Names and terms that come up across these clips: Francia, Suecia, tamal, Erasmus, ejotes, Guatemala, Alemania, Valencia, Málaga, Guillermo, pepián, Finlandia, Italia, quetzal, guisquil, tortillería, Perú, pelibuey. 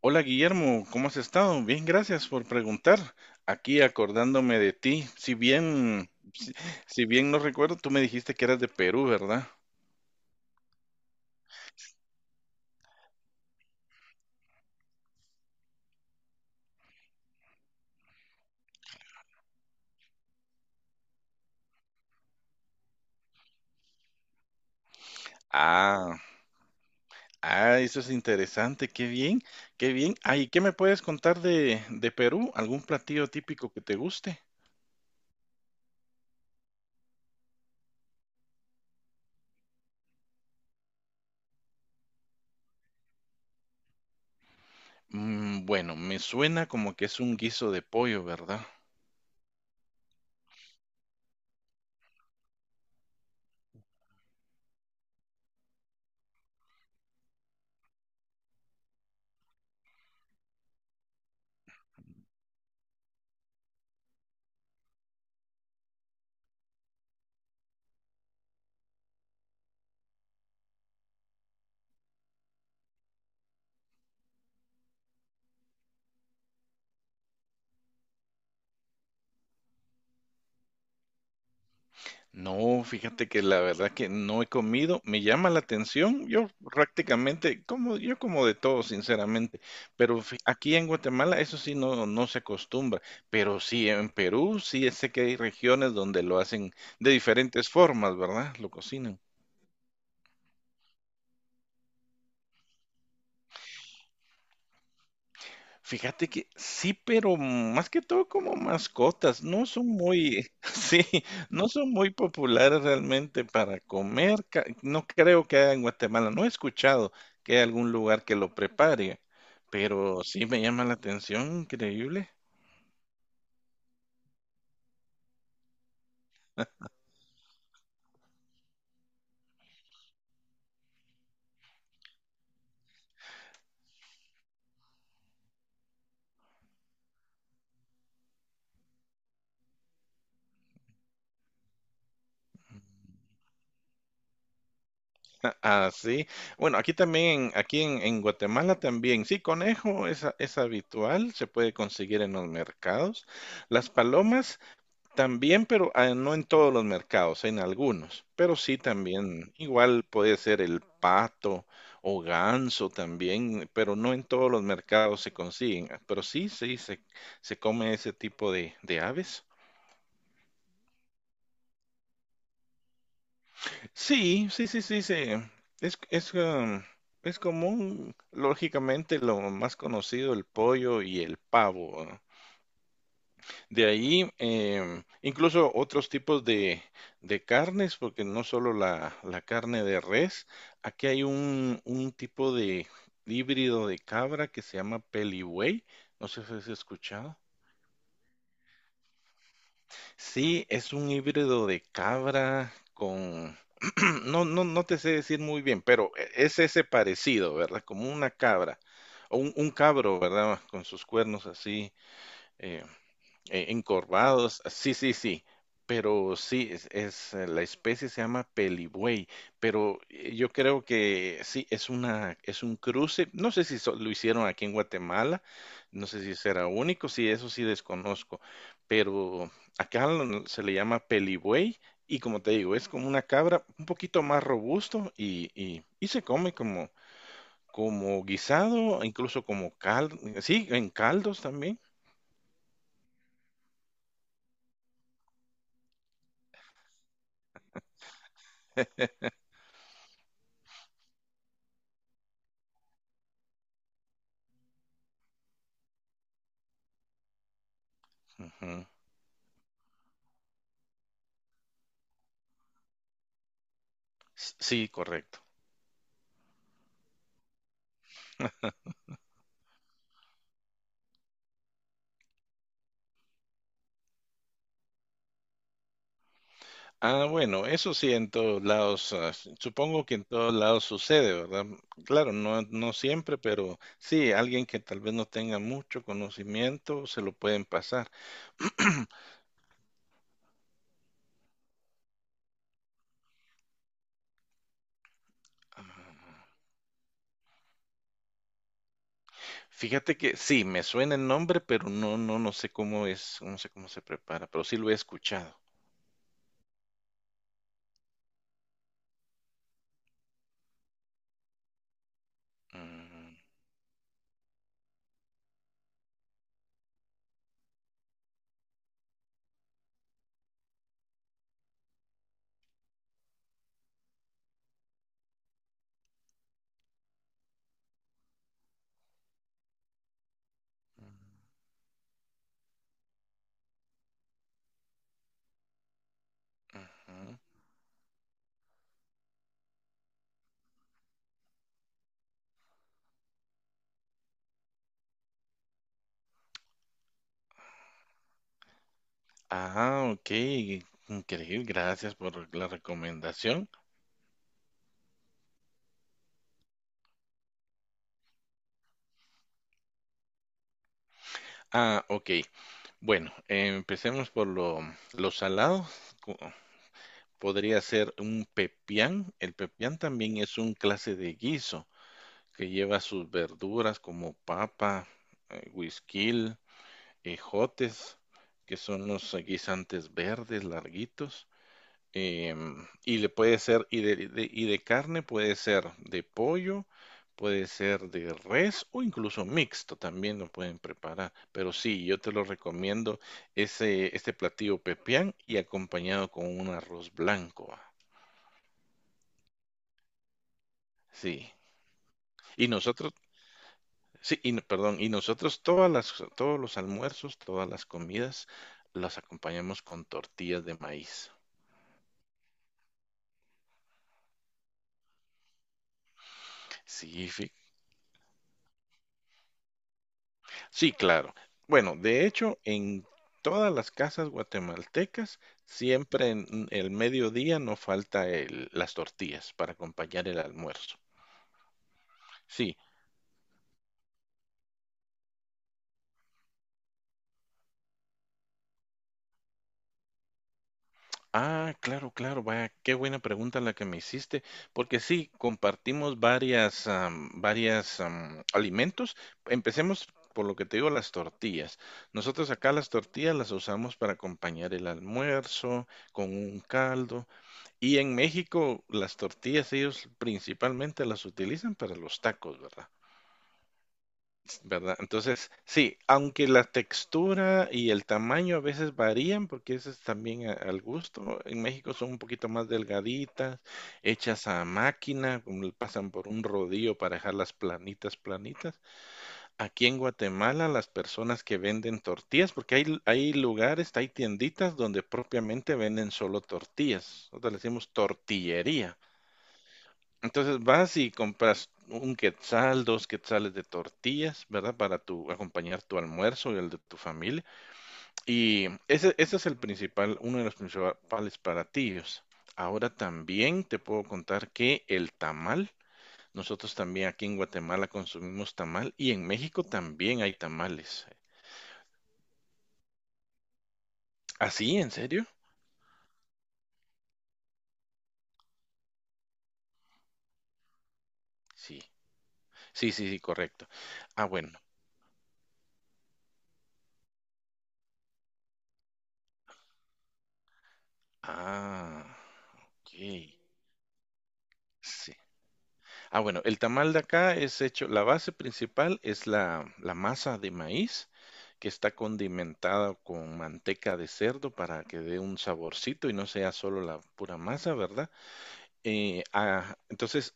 Hola Guillermo, ¿cómo has estado? Bien, gracias por preguntar. Aquí acordándome de ti. Si bien no recuerdo, tú me dijiste que eras de Perú, ¿verdad? Ah, ah, eso es interesante. Qué bien, qué bien. Ah, ¿y qué me puedes contar de Perú? ¿Algún platillo típico que te guste? Bueno, me suena como que es un guiso de pollo, ¿verdad? No, fíjate que la verdad que no he comido, me llama la atención, yo prácticamente, yo como de todo, sinceramente, pero aquí en Guatemala eso sí no se acostumbra, pero sí en Perú sí sé que hay regiones donde lo hacen de diferentes formas, ¿verdad? Lo cocinan. Fíjate que sí, pero más que todo como mascotas, no son muy, sí, no son muy populares realmente para comer. No creo que haya en Guatemala, no he escuchado que haya algún lugar que lo prepare, pero sí me llama la atención, increíble. Ah, sí. Bueno, aquí también, aquí en Guatemala también, sí, conejo es, es habitual, se puede conseguir en los mercados. Las palomas también, pero ah, no en todos los mercados, en algunos. Pero sí también, igual puede ser el pato o ganso también, pero no en todos los mercados se consiguen. Ah, pero sí, sí, se come ese tipo de aves. Sí, sí, sí, sí. Es, es, ah, es común, lógicamente, lo más conocido, el pollo y el pavo. Ah. De ahí, incluso otros tipos de carnes, porque no solo la carne de res, aquí hay un tipo de híbrido de cabra que se llama pelibuey, no sé si has escuchado. Sí, es un híbrido de cabra con... No, no, no te sé decir muy bien, pero es ese parecido, ¿verdad? Como una cabra, o un cabro, ¿verdad? Con sus cuernos así, eh, encorvados, sí, sí, sí, pero sí, la especie se llama pelibuey, pero yo creo que sí, es un cruce, no sé si lo hicieron aquí en Guatemala, no sé si será único, sí, eso sí desconozco, pero acá se le llama pelibuey y como te digo, es como una cabra un poquito más robusto y se come como, como guisado, incluso como caldo, sí, en caldos también. Ujú. S- Sí, correcto. Ah, bueno, eso sí en todos lados, ah, supongo que en todos lados sucede, ¿verdad? Claro, no, no siempre, pero sí, alguien que tal vez no tenga mucho conocimiento se lo pueden pasar. Ah, fíjate que sí, me suena el nombre, pero no, no, no sé cómo es, no sé cómo se prepara, pero sí lo he escuchado. Ujú. Ah, ok, increíble, gracias por la recomendación. Ah, ok, bueno, empecemos por lo salado. Podría ser un pepián. El pepián también es un clase de guiso que lleva sus verduras como papa, guisquil, ejotes, que son los guisantes verdes larguitos. Y le puede ser, y de carne puede ser de pollo, puede ser de res o incluso mixto también lo pueden preparar. Pero sí, yo te lo recomiendo este platillo pepián y acompañado con un arroz blanco. Sí, y nosotros, sí, perdón, y nosotros todas las, todos los almuerzos, todas las comidas, las acompañamos con tortillas de maíz. Sí, sí, claro. Bueno, de hecho, en todas las casas guatemaltecas, siempre en el mediodía no falta las tortillas para acompañar el almuerzo. Sí, ah, claro, claro, vaya, qué buena pregunta la que me hiciste, porque sí, compartimos varias alimentos. Empecemos por lo que te digo, las tortillas. Nosotros acá las tortillas las usamos para acompañar el almuerzo con un caldo. Y en México las tortillas ellos principalmente las utilizan para los tacos, ¿verdad? ¿Verdad? Entonces, sí, aunque la textura y el tamaño a veces varían, porque eso es también al gusto, en México son un poquito más delgaditas, hechas a máquina, como le pasan por un rodillo para dejarlas planitas, planitas. Aquí en Guatemala, las personas que venden tortillas, porque hay lugares, hay tienditas donde propiamente venden solo tortillas, nosotros le decimos tortillería. Entonces vas y compras un quetzal, dos quetzales de tortillas, ¿verdad? Para tu, acompañar tu almuerzo y el de tu familia. Y ese, es el principal, uno de los principales platillos. Ahora también te puedo contar que el tamal, nosotros también aquí en Guatemala consumimos tamal y en México también hay tamales. ¿Ah, sí? ¿En serio? Sí, sí, sí, sí, correcto. Ah, bueno. Ah, ok. Sí, ah, bueno, el tamal de acá es hecho, la base principal es la, masa de maíz que está condimentada con manteca de cerdo para que dé un saborcito y no sea solo la pura masa, ¿verdad? Entonces,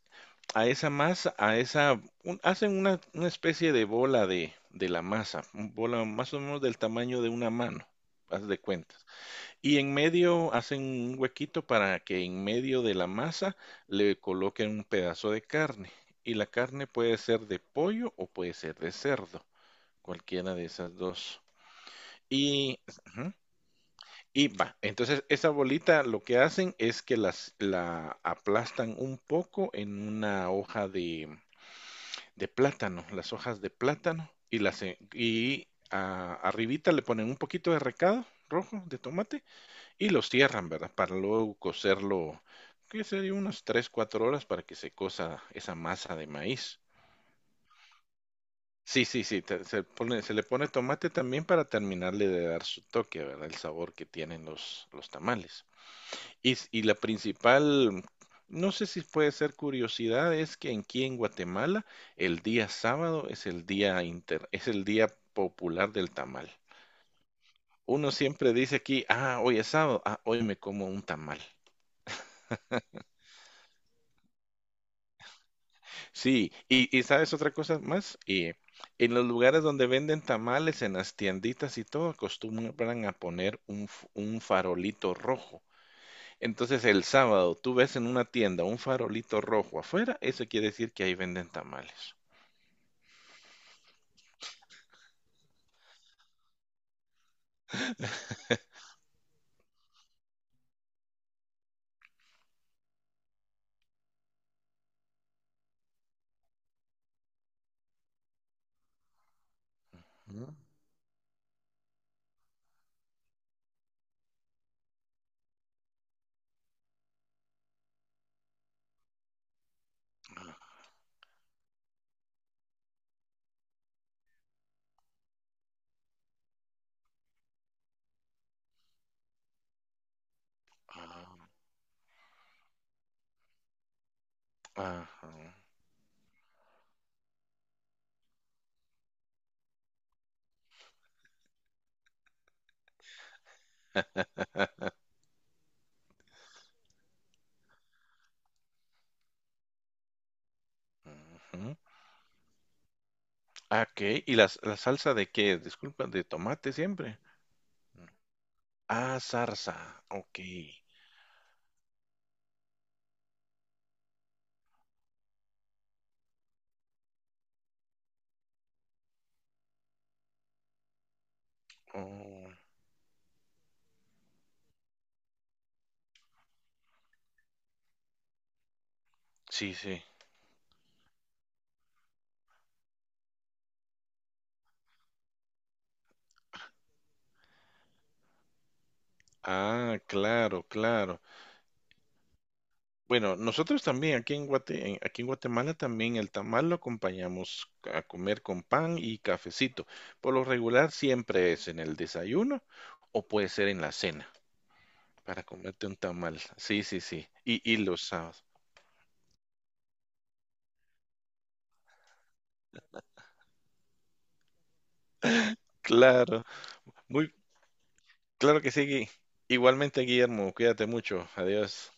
a esa masa, a esa, hacen una especie de bola de la masa, un bola más o menos del tamaño de una mano, haz de cuenta. Y en medio hacen un huequito para que en medio de la masa le coloquen un pedazo de carne. Y la carne puede ser de pollo o puede ser de cerdo, cualquiera de esas dos. Y, ujú, y va, entonces esa bolita lo que hacen es que la aplastan un poco en una hoja de plátano, las hojas de plátano, y las en- y a- arribita le ponen un poquito de recado rojo de tomate y los cierran, ¿verdad? Para luego cocerlo, qué sería, unas 3, 4 horas para que se cosa esa masa de maíz. Sí, sí, sí, se pone, se le pone tomate también para terminarle de dar su toque, ¿verdad? El sabor que tienen los tamales. Y, y la principal, no sé si puede ser curiosidad, es que aquí en Guatemala el día sábado es el día popular del tamal. Uno siempre dice aquí, ah, hoy es sábado, ah, hoy me como un tamal. Sí, y sabes otra cosa más, y en los lugares donde venden tamales, en las tienditas y todo, acostumbran a poner un farolito rojo. Entonces el sábado tú ves en una tienda un farolito rojo afuera, eso quiere decir que ahí venden tamales. Ujú. Ah, ajá. Ujú. Ah, ok, ¿y la salsa de qué? Disculpa, de tomate siempre. Ah, zarza, ok. Oh, sí, sí. Ah, claro, claro. Bueno, nosotros también aquí en aquí en Guatemala también el tamal lo acompañamos a comer con pan y cafecito. Por lo regular siempre es en el desayuno o puede ser en la cena para comerte un tamal. Sí, sí, sí. Y los sábados. Claro, muy claro que sí, Gui. Igualmente, Guillermo, cuídate mucho. Adiós.